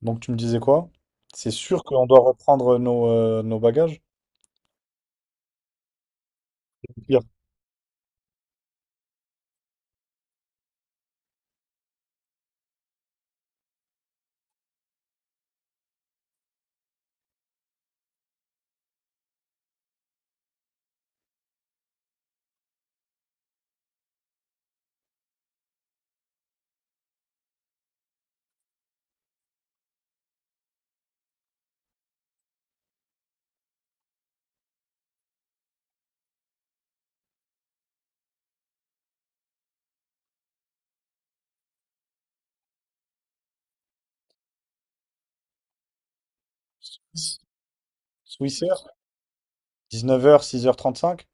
Donc tu me disais quoi? C'est sûr qu'on doit reprendre nos bagages? Pire. Swissair, dix-neuf heures h 6 6h35?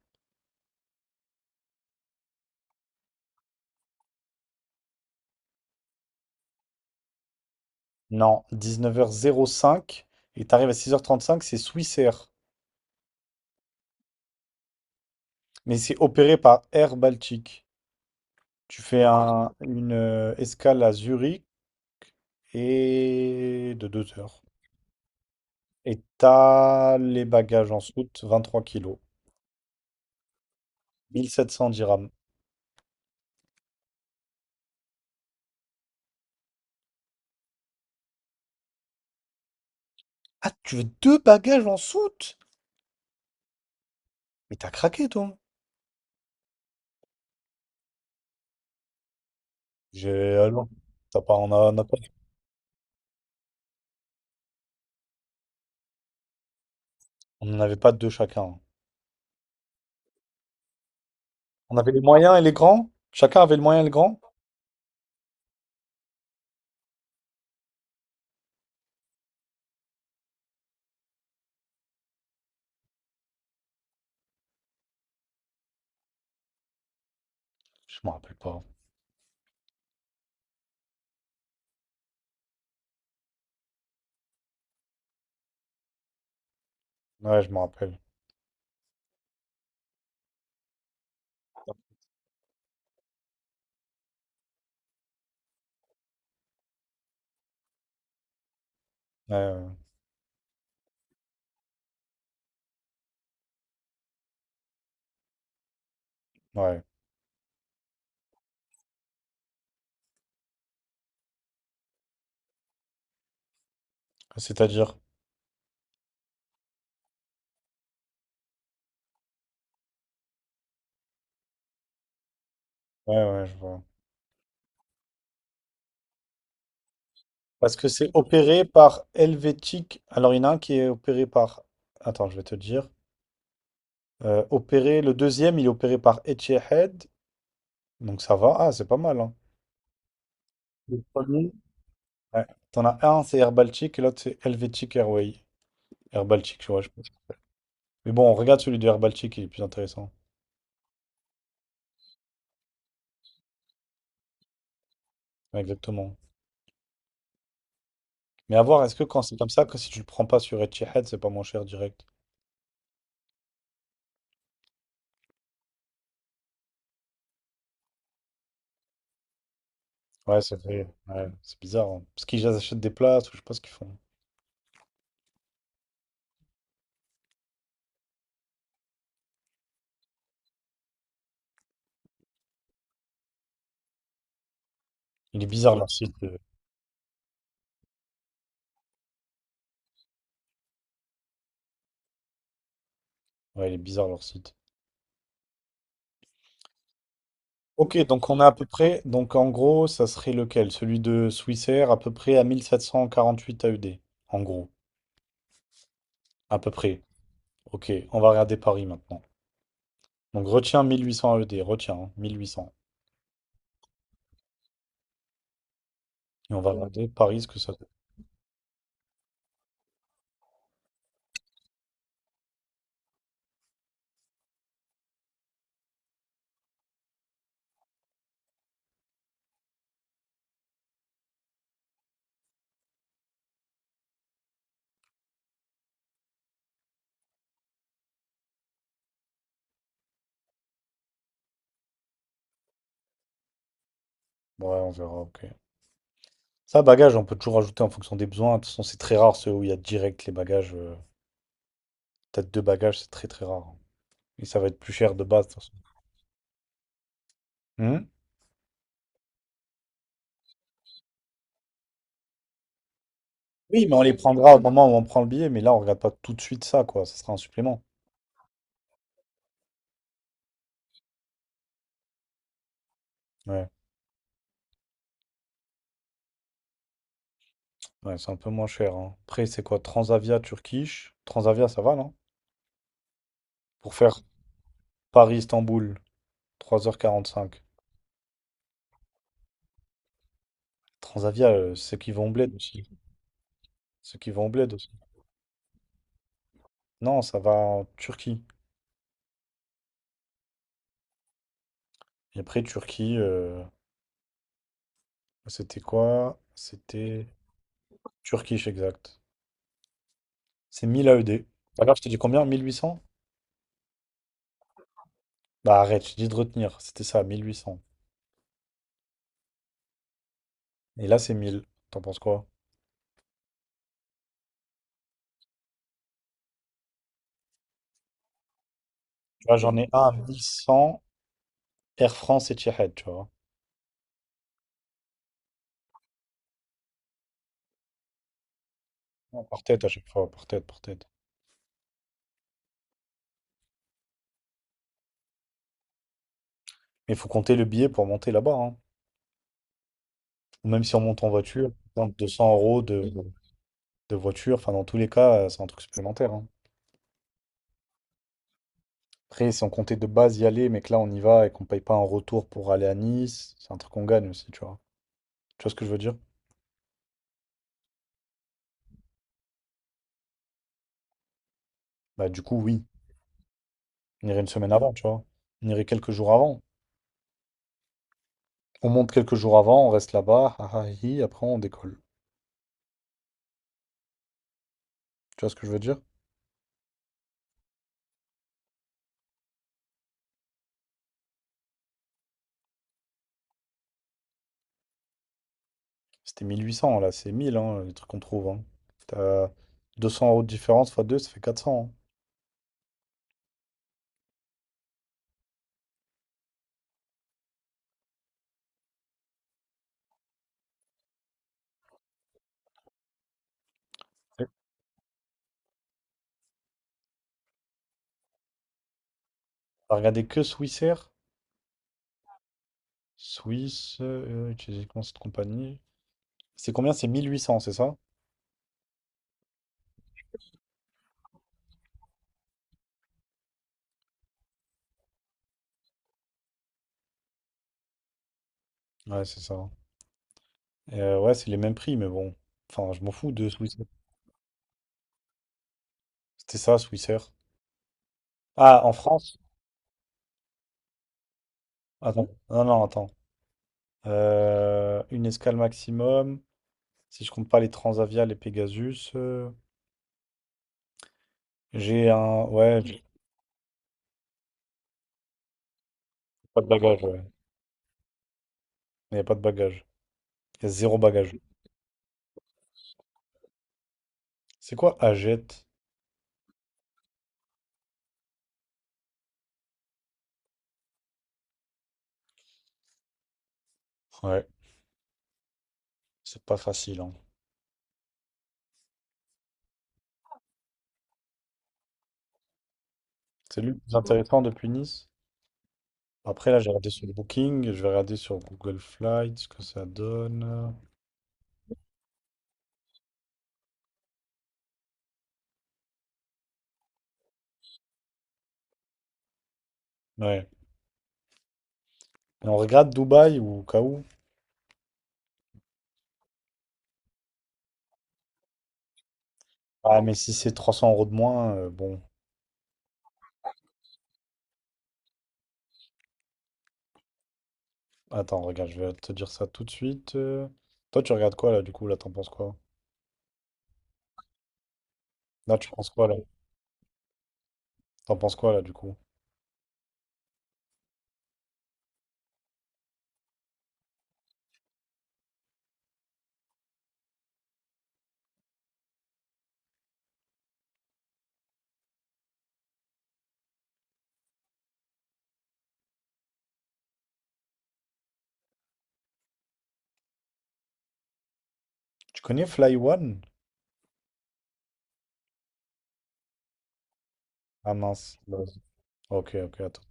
Non, 19h05. Et t'arrives à 6h35, c'est Swissair. Mais c'est opéré par Air Baltique. Tu fais une escale à Zurich et de 2 heures. Et t'as les bagages en soute, 23 kilos, 1700 dirhams. Ah, tu veux deux bagages en soute? Mais t'as craqué, toi. J'ai alors, t'as pas, on a pas. On n'en avait pas deux chacun. On avait les moyens et les grands? Chacun avait le moyen et le grand? Je me rappelle pas. Ouais, je me rappelle. Ouais, ouais, ouais. C'est-à-dire? Ouais, ouais, je vois. Parce que c'est opéré par Helvétique. Alors, il y en a un qui est opéré par. Attends, je vais te dire. Opéré, le deuxième, il est opéré par Etihad. Donc, ça va. Ah, c'est pas mal, hein. Le premier. Ouais. T'en as un, c'est Air Baltic, et l'autre, c'est Helvetic Airway. Air Baltic, je vois, je pense. Mais bon, on regarde celui de Air Baltic, il est plus intéressant. Ouais, exactement. Mais à voir, est-ce que quand c'est comme ça, que si tu le prends pas sur Etihad, c'est pas moins cher direct? Ouais, c'est vrai. Ouais, c'est bizarre. Hein. Parce qu'ils achètent des places, ou je sais pas ce qu'ils font. Il est bizarre leur site. Ouais, il est bizarre leur site. Ok, donc on a à peu près. Donc en gros, ça serait lequel? Celui de Swissair, à peu près à 1748 AED. En gros. À peu près. Ok, on va regarder Paris maintenant. Donc retiens 1800 AED, retiens, hein, 1800. Et on va regarder Paris ce que ça donne. Ouais, on verra, ok. Ça, bagage, on peut toujours ajouter en fonction des besoins. De toute façon, c'est très rare ceux où il y a direct les bagages. T'as deux bagages, c'est très très rare. Et ça va être plus cher de base. De toute façon. Hmm. Oui, mais on les prendra au moment où on prend le billet, mais là, on regarde pas tout de suite ça, quoi. Ça sera un supplément. Ouais, ouais, c'est un peu moins cher, hein. Après, c'est quoi? Transavia, Turkish. Transavia, ça va, non? Pour faire Paris Istanbul 3h45. Transavia, ceux qui vont au bled aussi. Ceux qui vont au bled aussi. Non, ça va en Turquie. Et après, Turquie, c'était quoi? C'était Turkish, exact. C'est 1000 AED. Alors, je t'ai dit combien? 1800. Bah arrête, je dis de retenir. C'était ça, 1800. Et là, c'est 1000. T'en penses quoi? Tu vois, j'en ai un à 1100. Air France et Etihad, tu vois. Par tête à chaque fois, par tête, par tête. Mais il faut compter le billet pour monter là-bas. Hein. Ou même si on monte en voiture, donc 200 € de, voiture. Enfin, dans tous les cas, c'est un truc supplémentaire. Hein. Après, si on comptait de base y aller, mais que là, on y va et qu'on paye pas un retour pour aller à Nice, c'est un truc qu'on gagne aussi, tu vois. Tu vois ce que je veux dire? Bah du coup, oui. On irait une semaine avant, tu vois. On irait quelques jours avant. On monte quelques jours avant, on reste là-bas, ah ah, hi, après on décolle. Tu vois ce que je veux dire? C'était 1800, là, c'est 1000, hein, les trucs qu'on trouve. Hein. T'as 200 € de différence fois 2, ça fait 400. Hein. Ouais. T'as regardé que Swissair? Swiss, utiliser comment cette compagnie? C'est combien? C'est 1800, c'est ça? Ouais, c'est ça. Hein. Et, ouais, c'est les mêmes prix, mais bon. Enfin, je m'en fous de Swissair. C'était ça, Swissair. Ah, en France? Attends, non, non, attends. Une escale maximum, si je compte pas les Transavia, les Pegasus. J'ai un. Ouais, j'ai pas de bagage, ouais. Il n'y a pas de bagage. Il y a zéro bagage. C'est quoi Agette? Ouais, c'est pas facile, hein. C'est lui le plus intéressant depuis Nice. Après, là, j'ai regardé sur Booking, je vais regarder sur Google Flights ce que ça donne. Ouais. Et on regarde Dubaï ou au cas où? Ah, mais si c'est 300 € de moins, bon. Attends, regarde, je vais te dire ça tout de suite. Toi, tu regardes quoi, là, du coup? Là, t'en penses quoi? Là, tu penses quoi, là? T'en penses quoi, là, du coup? Tu connais Fly One? Ah mince. Ok, ok, attends.